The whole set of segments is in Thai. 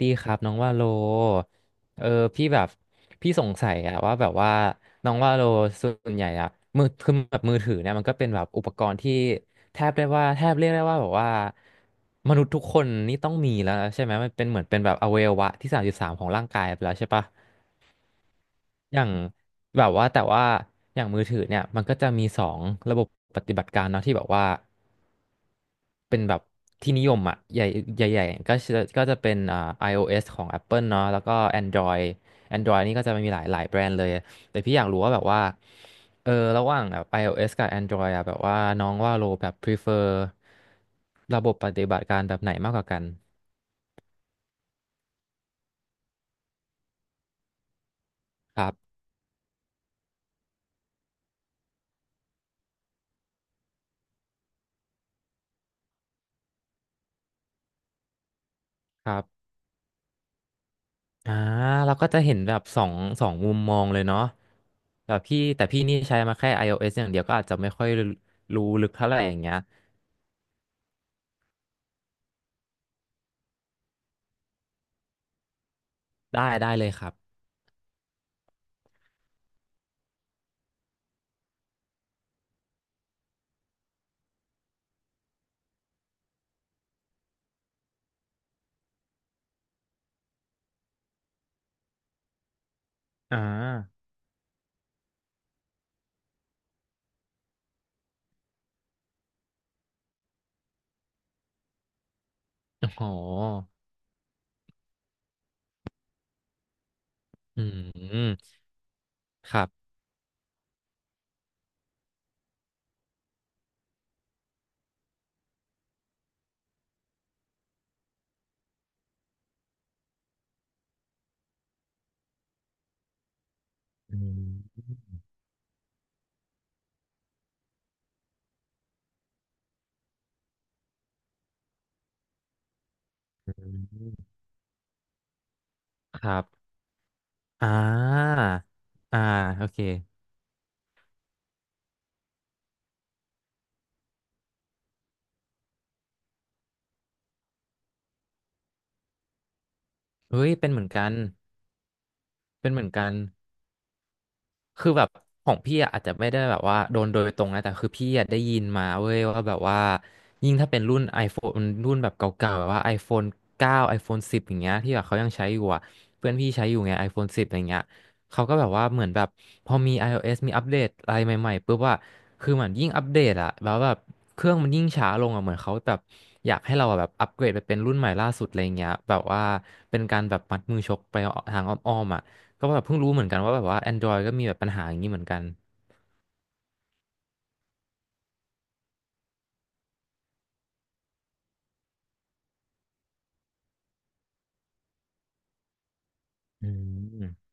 ดีครับน้องว่าโลเออพี่แบบพี่สงสัยอะว่าแบบว่าน้องว่าโลส่วนใหญ่อะมือคือแบบมือถือเนี่ยมันก็เป็นแบบอุปกรณ์ที่แทบเรียกได้ว่าแบบว่ามนุษย์ทุกคนนี่ต้องมีแล้วใช่ไหมมันเป็นเหมือนเป็นแบบอวัยวะที่สามสิบสามของร่างกายไปแล้วใช่ปะอย่างแบบว่าแต่ว่าอย่างมือถือเนี่ยมันก็จะมีสองระบบปฏิบัติการเนาะที่แบบว่า เป็นแบบที่นิยมอ่ะใหญ่ๆก็จะเป็นiOS ของ Apple เนาะแล้วก็ Android นี่ก็จะมีหลายแบรนด์เลยแต่พี่อยากรู้ว่าแบบว่าระหว่างแบบ iOS กับ Android อ่ะแบบว่าน้องว่าโลแบบ prefer ระบบปฏิบัติการแบบไหนมากกว่ากันครับครับอ่าเราก็จะเห็นแบบสองมุมมองเลยเนาะแต่พี่นี่ใช้มาแค่ iOS อย่างเดียวก็อาจจะไม่ค่อยรู้ลึกเท่าไหร่อย่างเงี้ยได้เลยครับอ่าโอ้โห อืมครับอืมอืมครับอ่าอ่าโอเคเฮ้ยเป็นเหมือนกันเป็นเหมือนกัน คือแบบของพี่อะอาจจะไม่ได้แบบว่าโดนโดยตรงนะแต่คือพี่อะได้ยินมาเว้ยว่าแบบว่ายิ่งถ้าเป็นรุ่น iPhone รุ่นแบบเก่าๆแบบว่า iPhone 9 iPhone 10 อย่างเงี้ยที่แบบเขายังใช้อยู่อะเพื่อนพี่ใช้อยู่ไง iPhone 10อย่างเงี้ยเขาก็แบบว่าเหมือนแบบพอมี iOS มีอัปเดตอะไรใหม่ๆปุ๊บว่าคือเหมือนยิ่งอัปเดตอะแล้วแบบเครื่องมันยิ่งช้าลงอะเหมือนเขาแบบอยากให้เราอะแบบอัปเกรดไปเป็นรุ่นใหม่ล่าสุดอะไรเงี้ยแบบว่าเป็นการแบบมัดมือชกไปทางอ้อมๆอะ ก็แบบเพิ่งรู้เหมือนกันว่าแบบว่า Android ก็มีแบบปัญหาอย่างนี้เหมือนกัน อืม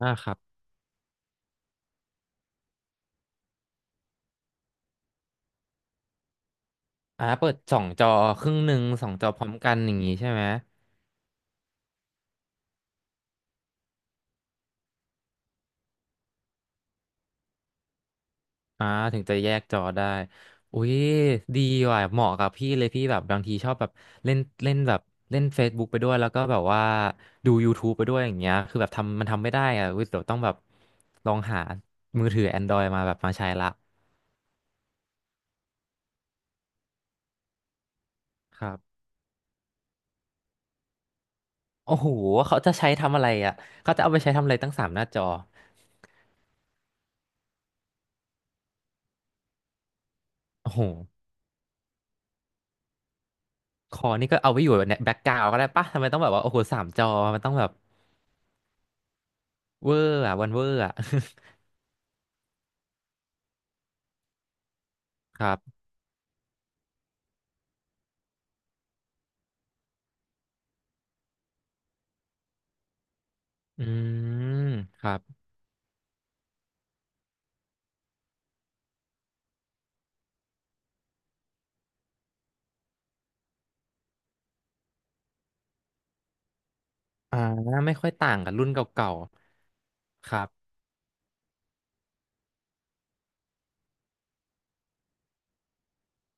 อ่าครับอ่าเปิดสองจอครึ่งหนึ่งสองจอพร้อมกันอย่างนี้ใช่ไหมอ่าถึงจะแยกจอได้ อุ้ยดีว่ะเหมาะกับพี่เลยพี่แบบบางทีชอบแบบเล่นเล่นแบบเล่น Facebook ไปด้วยแล้วก็แบบว่าดู YouTube ไปด้วยอย่างเงี้ยคือแบบทำทำไม่ได้อ่ะอุ๊ยเดี๋ยวต้องแบบลองหามือถือ Android มาแบบมาใช้ละครับโอ้โหเขาจะใช้ทำอะไรอ่ะเขาจะเอาไปใช้ทำอะไรตั้งสามหน้าจอโอ้โห คอนี่ก็เอาไว้อยู่แบบแบ็กกราวด์ก็ได้ปะทำไมต้องแบบว่าโอ้โหสามจอมันต้องแบบเวอร์อะวันเวอร์อะ ครับอืมครับอ่าไม่ค่อยต่างกับรุ่นเก่าๆครับ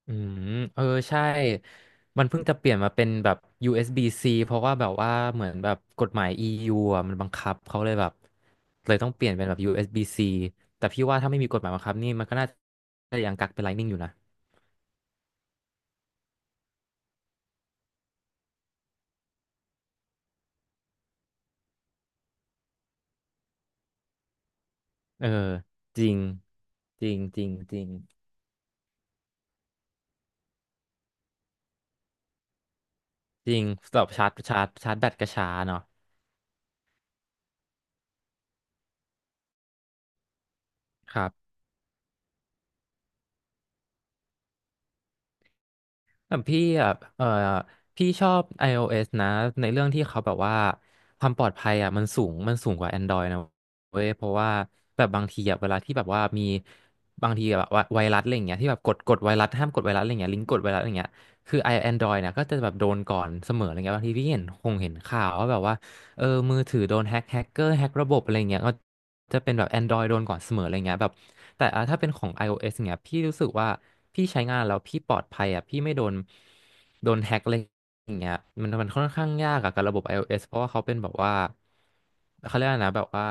อืมเออใช่มันเพิ่งจะเปลี่ยนมาเป็นแบบ USB-C เอสบี -C เพราะว่าแบบว่าเหมือนแบบกฎหมาย EU อะมันบังคับเขาเลยแบบเลยต้องเปลี่ยนเป็นแบบ USB-C แต่พี่ว่าถ้าไม่มีกฎหมายบังคับนี่มันก็น่าจะยังกักเป็น Lightning อยู่นะเออจริงจริงจริงจริง จริงแบบชาร์จชาร์จแบตกระช้าเนาะครับแต่พี่อ่ะเออพี่ชอบ iOS นะในเรื่องที่เขาแบบว่าความปลอดภัยอ่ะมันสูงสูงกว่า Android นะเว้ยเพราะว่าแบบบางทีอ่ะเวลาที่แบบว่ามีบางทีแบบว่าไวรัสอะไรอย่างเงี้ยที่แบบกดไวรัสห้ามกดไวรัสอะไรเงี้ยลิงก์กดไวรัสอะไรเงี้ยคือไอแอนดรอยเนี่ยก็จะแบบโดนก่อนเสมออะไรเงี้ยบางทีพี่เห็นเห็นข่าวว่าแบบว่าเออมือถือโดนแฮ็กแฮกเกอร์แฮ็กระบบอะไรเงี้ยก็จะเป็นแบบ Android โดนก่อนเสมออะไรเงี้ยแบบ แต่อ่ะถ้าเป็นของ iOS เนี่ยพี่รู้สึกว่าพี่ใช้งานแล้วพี่ปลอดภัยอ่ะพี่ไม่โดนแฮ็กอะไรอย่างเงี้ยมันค่อนข้างยากอะกับระบบ iOS เพราะว่าเขาเป็นแบบว่าเขาเรียกอะไรนะแบบว่า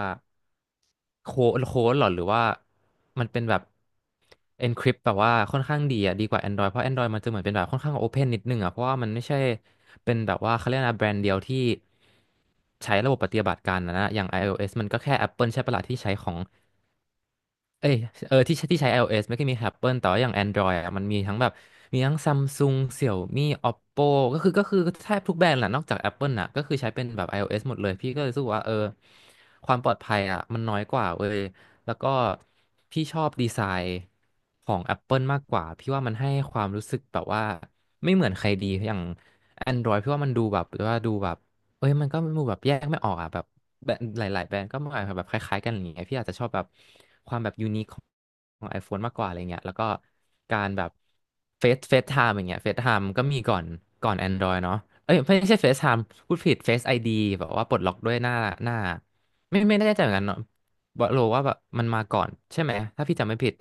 โค้ดหรอหรือว่ามันเป็นแบบ encrypt แบบว่าค่อนข้างดีอ่ะดีกว่า Android เพราะ Android มันจะเหมือนเป็นแบบค่อนข้าง open นิดนึงอ่ะเพราะว่ามันไม่ใช่เป็นแบบว่าเขาเรียกอะไรนะแบรนด์เดียวที่ใช้ระบบปฏิบัติการนะอย่าง iOS มันก็แค่ Apple ใช่ปะล่ะที่ใช้ของ เอ้ยที่ใช้iOS ไม่ค่อยมี Apple แต่ว่าอย่าง Android อะมันมีทั้งแบบมีทั้ง Samsung Xiaomi Oppo ก็คือแทบทุกแบรนด์แหละนอกจาก Apple น่ะก็คือใช้เป็นแบบ iOS หมดเลยพี่ก็เลยรู้สึกว่าเออความปลอดภัยอ่ะมันน้อยกว่าเว้ยแล้วก็พี่ชอบดีไซน์ของ Apple มากกว่าพี่ว่ามันให้ความรู้สึกแบบว่าไม่เหมือนใครดีอย่าง Android พี่ว่ามันดูแบบว่าดูแบบ เอ้ยมันก็มูแบบแยกไม่ออกอ่ะแบบแบบหลายๆแบรนด์ก็มาแบบคล้ายๆกันอย่างเงี้ยพี่อาจจะชอบแบบความแบบยูนิคของ iPhone มากกว่าอะไรเงี้ยแล้วก็การแบบเฟซไทม์อย่างเงี้ยเฟซไทม์ก็มีก่อนก่อน Android เนาะเอ้ยไม่ใช่เฟซไทม์พูดผิดเฟซไอดีแบบว่าปลดล็อกด้วยหน้าหน้าไม่แน่ใจเหมือนกันเนาะบอกโลว่าแบบมันมาก่อนใช่ไหมถ้าพี่จำไม่ผิด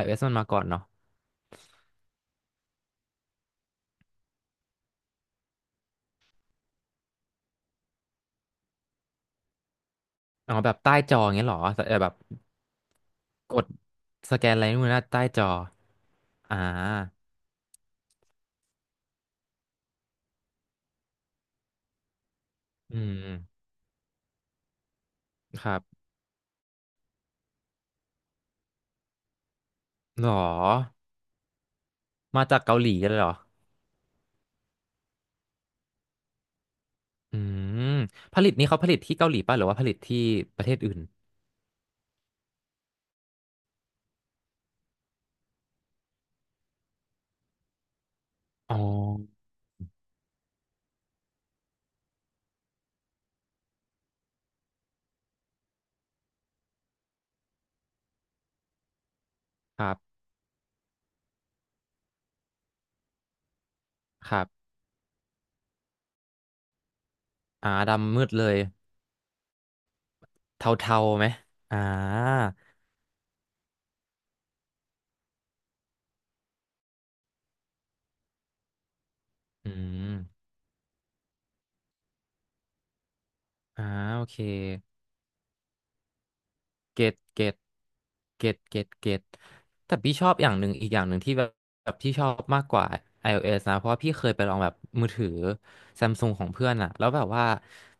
iOS มันมาก่อนเนาะอ๋อแบบใต้จออย่างเงี้ยเหรอแต่แบบกดสแกนอะไรนู่นนะใต้จออ่า อืม ครับ หรอ มาจากเกาหลีเลยเหรอ อืม ผลิตนี่เขาผลิตที่เกาหลีป่ะหรือว่าผลิตที่ประเทศอื่น อ๋อ ครับครับอ่าดำมืดเลย เทาๆไหมอ่าอืมอ่าโอเค เกตเกตเกตแต่พี่ชอบอย่างหนึ่งอีกอย่างหนึ่งที่แบบแบบที่ชอบมากกว่า iOS นะเพราะว่าพี่เคยไปลองแบบมือถือ Samsung ของเพื่อนอะแล้วแบบว่า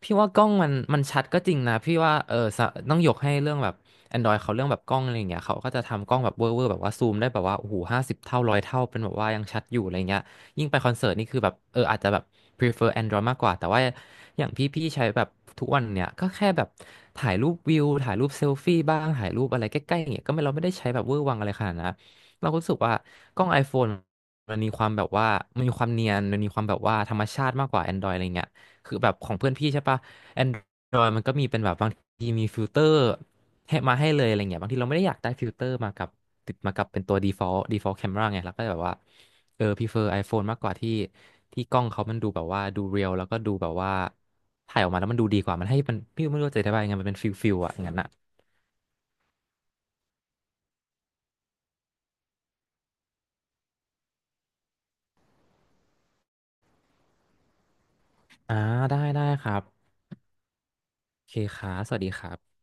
พี่ว่ากล้องมันชัดก็จริงนะพี่ว่าเออสะต้องยกให้เรื่องแบบ Android เขาเรื่องแบบกล้องอะไรอย่างเงี้ยเขาก็จะทำกล้องแบบเวอร์แบบว่าซูมได้แบบว่าโอ้โหห้าสิบเท่าร้อยเท่าเป็นแบบว่ายังชัดอยู่อะไรเงี้ย ยิ่งไปคอนเสิร์ตนี่คือแบบเอออาจจะแบบ prefer Android มากกว่าแต่ว่าอย่างพี่ใช้แบบทุกวันเนี่ยก็แค่แบบถ่ายรูปวิวถ่ายรูปเซลฟี่บ้างถ่ายรูปอะไรใกล้ๆอย่างเงี้ยก็ไม่เราไม่ได้ใช้แบบเวอร์วังอะไรขนาดนั้นนะเราก็รู้สึกว่ากล้อง iPhone มันมีความแบบว่ามันมีความเนียนมันมีความแบบว่าธรรมชาติมากกว่า Android อะไรเงี้ยคือแบบของเพื่อนพี่ใช่ปะ Android มันก็มีเป็นแบบบางทีมีฟิลเตอร์ให้มาให้เลยอะไรเงี้ยบางทีเราไม่ได้อยากได้ฟิลเตอร์มากับติดมากับเป็นตัว default camera ไงเราก็แบบว่า เออพ r เฟอร์ iPhone มากกว่าที่กล้องเขามันดูแบบว่าดูเรียลแล้วก็ดูแบบว่าถ่ายออกมาแล้วมันดูดีกว่ามันให้มันพี่ไม่รู้จะอธิบายยังไงมันเป็นฟิลอะงั้นอะอ่าได้ครับโอเคครับสวัสดีครับ